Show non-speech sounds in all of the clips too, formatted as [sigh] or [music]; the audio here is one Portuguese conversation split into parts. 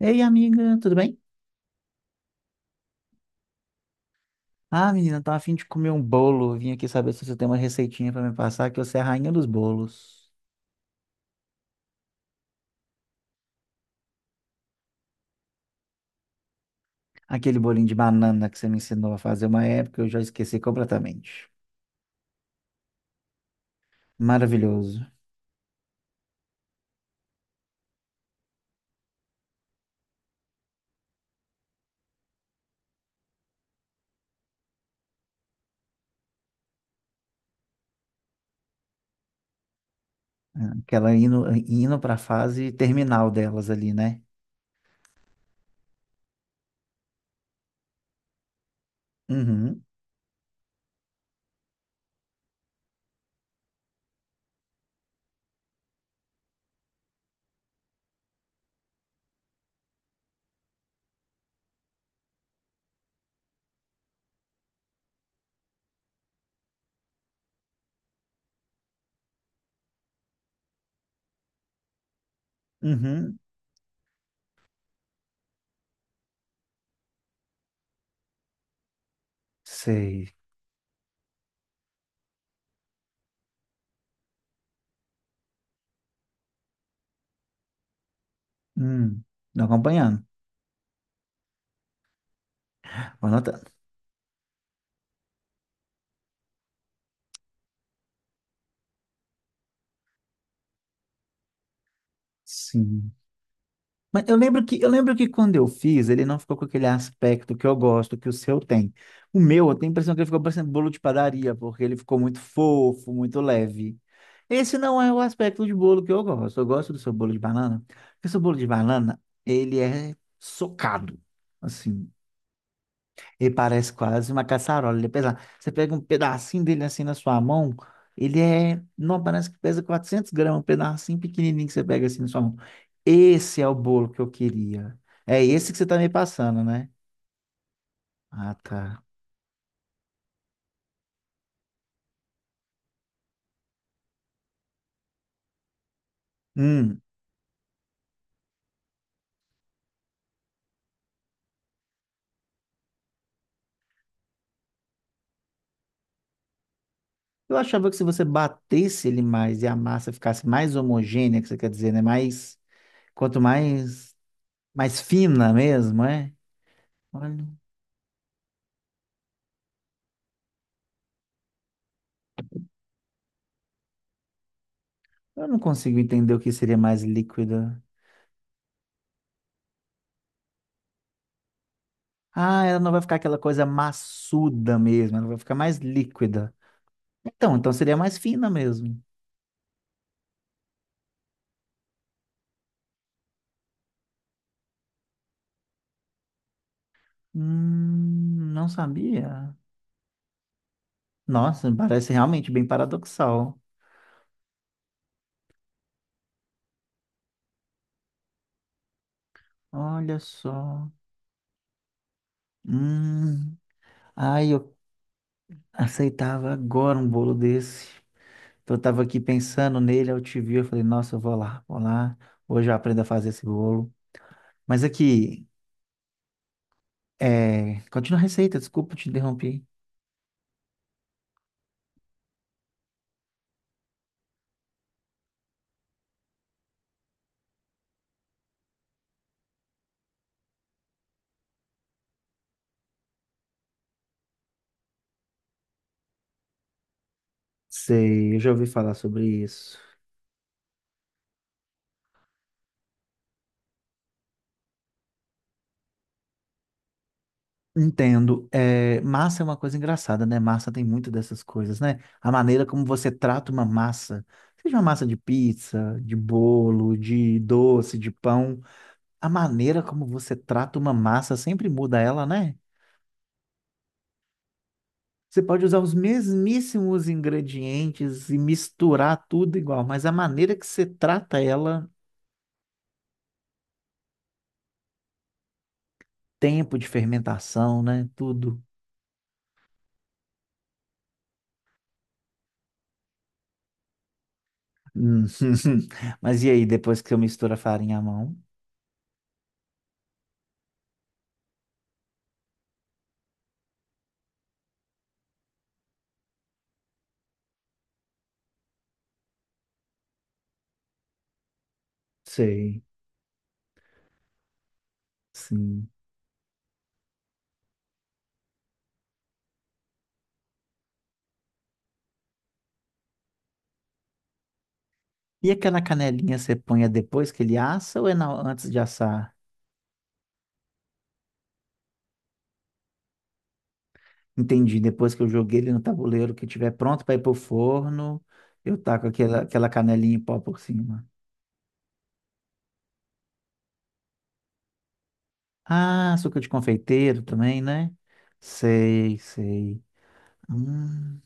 Ei, amiga, tudo bem? Ah, menina, tô a fim de comer um bolo. Vim aqui saber se você tem uma receitinha pra me passar, que você é a rainha dos bolos. Aquele bolinho de banana que você me ensinou a fazer uma época, eu já esqueci completamente. Maravilhoso. Aquela indo pra fase terminal delas ali, né? Uhum, uhum, sei. Hum, tô acompanhando, vou anotando. Sim. Mas eu lembro que quando eu fiz, ele não ficou com aquele aspecto que eu gosto, que o seu tem. O meu, eu tenho a impressão que ele ficou parecendo bolo de padaria, porque ele ficou muito fofo, muito leve. Esse não é o aspecto de bolo que eu gosto. Eu gosto do seu bolo de banana, porque o seu bolo de banana, ele é socado. Assim, ele parece quase uma caçarola, ele pesa. Você pega um pedacinho dele assim na sua mão, ele é, não, parece que pesa 400 gramas, um pedacinho pequenininho que você pega assim na sua mão. Esse é o bolo que eu queria. É esse que você tá me passando, né? Ah, tá. Hum, eu achava que se você batesse ele mais e a massa ficasse mais homogênea, que você quer dizer, né? Mais, quanto mais, mais fina mesmo, é? Olha, eu não consigo entender o que seria mais líquida. Ah, ela não vai ficar aquela coisa maçuda mesmo, ela vai ficar mais líquida. Então seria mais fina mesmo. Não sabia. Nossa, parece realmente bem paradoxal. Olha só. Hum, ai, eu aceitava agora um bolo desse. Então, eu tava aqui pensando nele, aí eu te vi, eu falei, nossa, eu vou lá, vou lá. Hoje eu aprendo a fazer esse bolo. Mas aqui, é... continua a receita, desculpa, te interrompi. Sei, eu já ouvi falar sobre isso. Entendo. É, massa é uma coisa engraçada, né? Massa tem muito dessas coisas, né? A maneira como você trata uma massa, seja uma massa de pizza, de bolo, de doce, de pão, a maneira como você trata uma massa sempre muda ela, né? Você pode usar os mesmíssimos ingredientes e misturar tudo igual, mas a maneira que você trata ela, tempo de fermentação, né? Tudo. Hum. [laughs] Mas e aí, depois que eu misturo a farinha à mão? Sei. Sim. E aquela canelinha você põe é depois que ele assa ou é antes de assar? Entendi. Depois que eu joguei ele no tabuleiro, que tiver pronto para ir pro forno, eu taco aquela canelinha em pó por cima. Ah, açúcar de confeiteiro também, né? Sei, sei. Hum,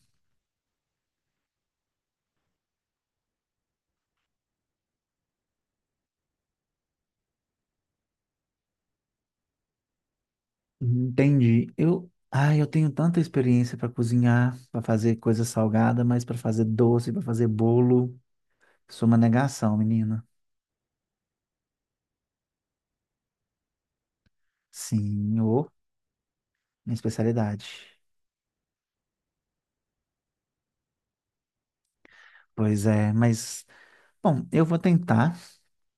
entendi. Eu tenho tanta experiência para cozinhar, para fazer coisa salgada, mas para fazer doce, para fazer bolo, sou uma negação, menina. Sim, ô, minha especialidade. Pois é, mas bom, eu vou tentar.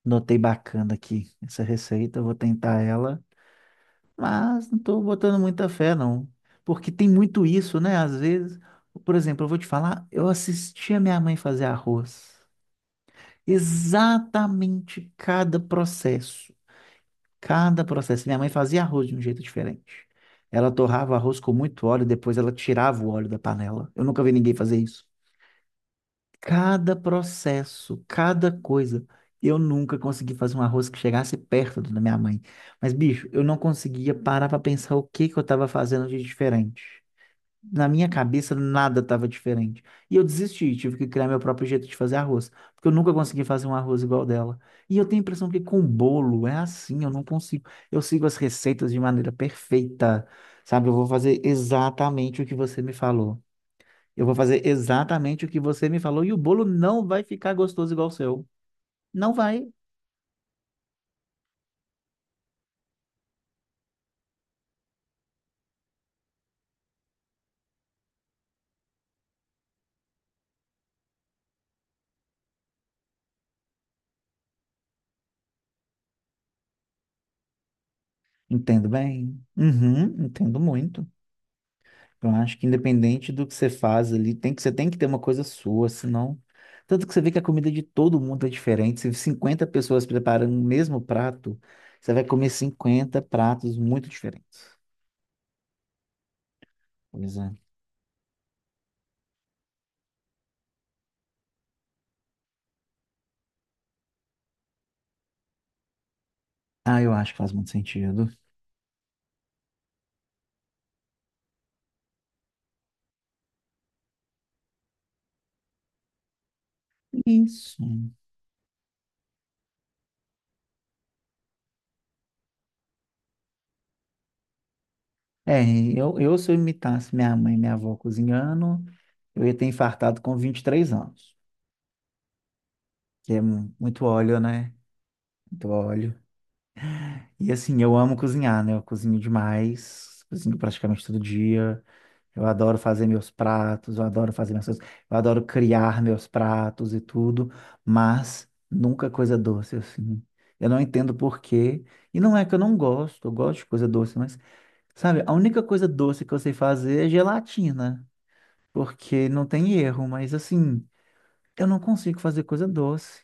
Notei bacana aqui essa receita, eu vou tentar ela, mas não estou botando muita fé, não. Porque tem muito isso, né? Às vezes, por exemplo, eu vou te falar, eu assisti a minha mãe fazer arroz. Exatamente cada processo. Cada processo. Minha mãe fazia arroz de um jeito diferente. Ela torrava arroz com muito óleo, depois ela tirava o óleo da panela. Eu nunca vi ninguém fazer isso. Cada processo, cada coisa. Eu nunca consegui fazer um arroz que chegasse perto do da minha mãe. Mas, bicho, eu não conseguia parar para pensar o que que eu estava fazendo de diferente. Na minha cabeça, nada estava diferente. E eu desisti, tive que criar meu próprio jeito de fazer arroz. Porque eu nunca consegui fazer um arroz igual dela. E eu tenho a impressão que com bolo é assim, eu não consigo. Eu sigo as receitas de maneira perfeita, sabe? Eu vou fazer exatamente o que você me falou. Eu vou fazer exatamente o que você me falou e o bolo não vai ficar gostoso igual o seu. Não vai. Entendo bem. Uhum, entendo muito. Eu acho que independente do que você faz ali, tem que, você tem que ter uma coisa sua, senão. Tanto que você vê que a comida de todo mundo é diferente. Se 50 pessoas preparam o mesmo prato, você vai comer 50 pratos muito diferentes. Pois é. Ah, eu acho que faz muito sentido. Isso. É, eu se eu imitasse minha mãe e minha avó cozinhando. Eu ia ter infartado com 23 anos. Que é muito óleo, né? Muito óleo. E assim, eu amo cozinhar, né? Eu cozinho demais. Cozinho praticamente todo dia. Eu adoro fazer meus pratos, eu adoro fazer minhas coisas, eu adoro criar meus pratos e tudo, mas nunca coisa doce, assim. Eu não entendo por quê. E não é que eu não gosto, eu gosto de coisa doce, mas, sabe, a única coisa doce que eu sei fazer é gelatina, porque não tem erro, mas assim, eu não consigo fazer coisa doce.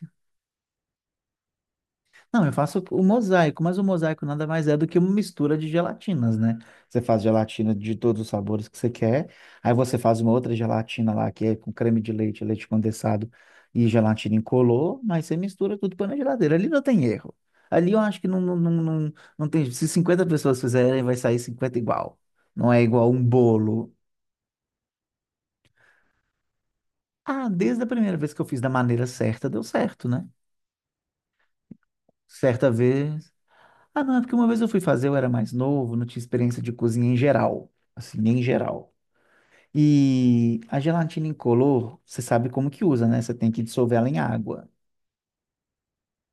Não, eu faço o mosaico, mas o mosaico nada mais é do que uma mistura de gelatinas, né? Você faz gelatina de todos os sabores que você quer, aí você faz uma outra gelatina lá, que é com creme de leite, leite condensado e gelatina incolor, mas você mistura tudo põe na geladeira. Ali não tem erro. Ali eu acho que não tem. Se 50 pessoas fizerem, vai sair 50 igual. Não é igual um bolo. Ah, desde a primeira vez que eu fiz da maneira certa, deu certo, né? Certa vez. Ah, não, é porque uma vez eu fui fazer, eu era mais novo, não tinha experiência de cozinha em geral, assim, em geral. E a gelatina incolor, você sabe como que usa, né? Você tem que dissolver ela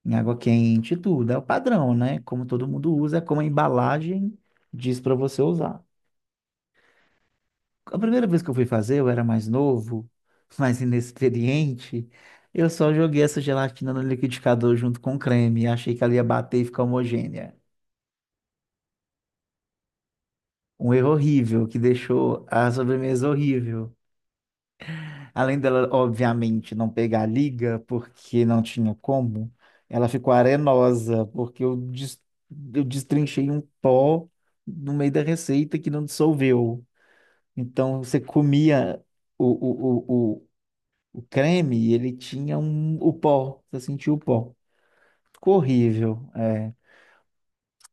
em água quente e tudo. É o padrão, né? Como todo mundo usa, é como a embalagem diz para você usar. A primeira vez que eu fui fazer, eu era mais novo, [laughs] mais inexperiente. Eu só joguei essa gelatina no liquidificador junto com o creme, achei que ela ia bater e ficar homogênea. Um erro horrível que deixou a sobremesa horrível. Além dela, obviamente, não pegar a liga, porque não tinha como, ela ficou arenosa, porque eu destrinchei um pó no meio da receita que não dissolveu. Então, você comia o, o, o, o, o creme e ele tinha um, o pó, você sentia o pó. Ficou horrível. É.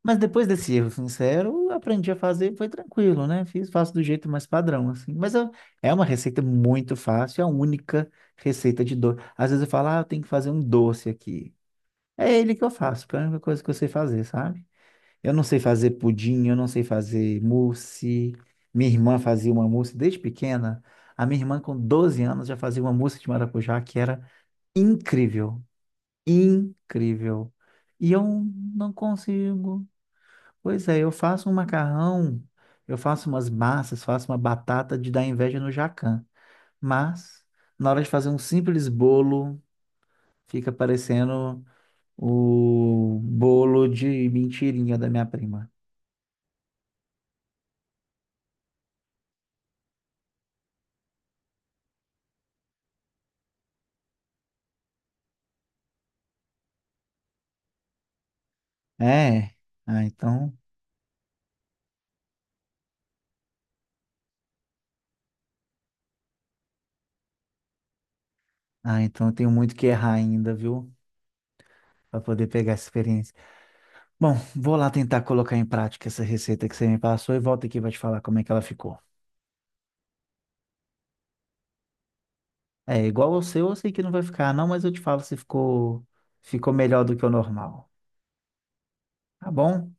Mas depois desse erro sincero, eu aprendi a fazer, foi tranquilo, né? Fiz, faço do jeito mais padrão, assim. É uma receita muito fácil, é a única receita de doce. Às vezes eu falo, ah, eu tenho que fazer um doce aqui. É ele que eu faço, porque é a única coisa que eu sei fazer, sabe? Eu não sei fazer pudim, eu não sei fazer mousse. Minha irmã fazia uma mousse desde pequena. A minha irmã, com 12 anos, já fazia uma mousse de maracujá que era incrível, incrível. E eu não consigo. Pois é, eu faço um macarrão, eu faço umas massas, faço uma batata de dar inveja no Jacan. Mas, na hora de fazer um simples bolo, fica parecendo o bolo de mentirinha da minha prima. É, ah, então, eu tenho muito que errar ainda, viu? Para poder pegar essa experiência. Bom, vou lá tentar colocar em prática essa receita que você me passou e volto aqui para te falar como é que ela ficou. É, igual ao seu, eu sei que não vai ficar, não, mas eu te falo se ficou melhor do que o normal. Tá bom?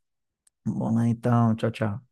Vamos lá então. Tchau, tchau.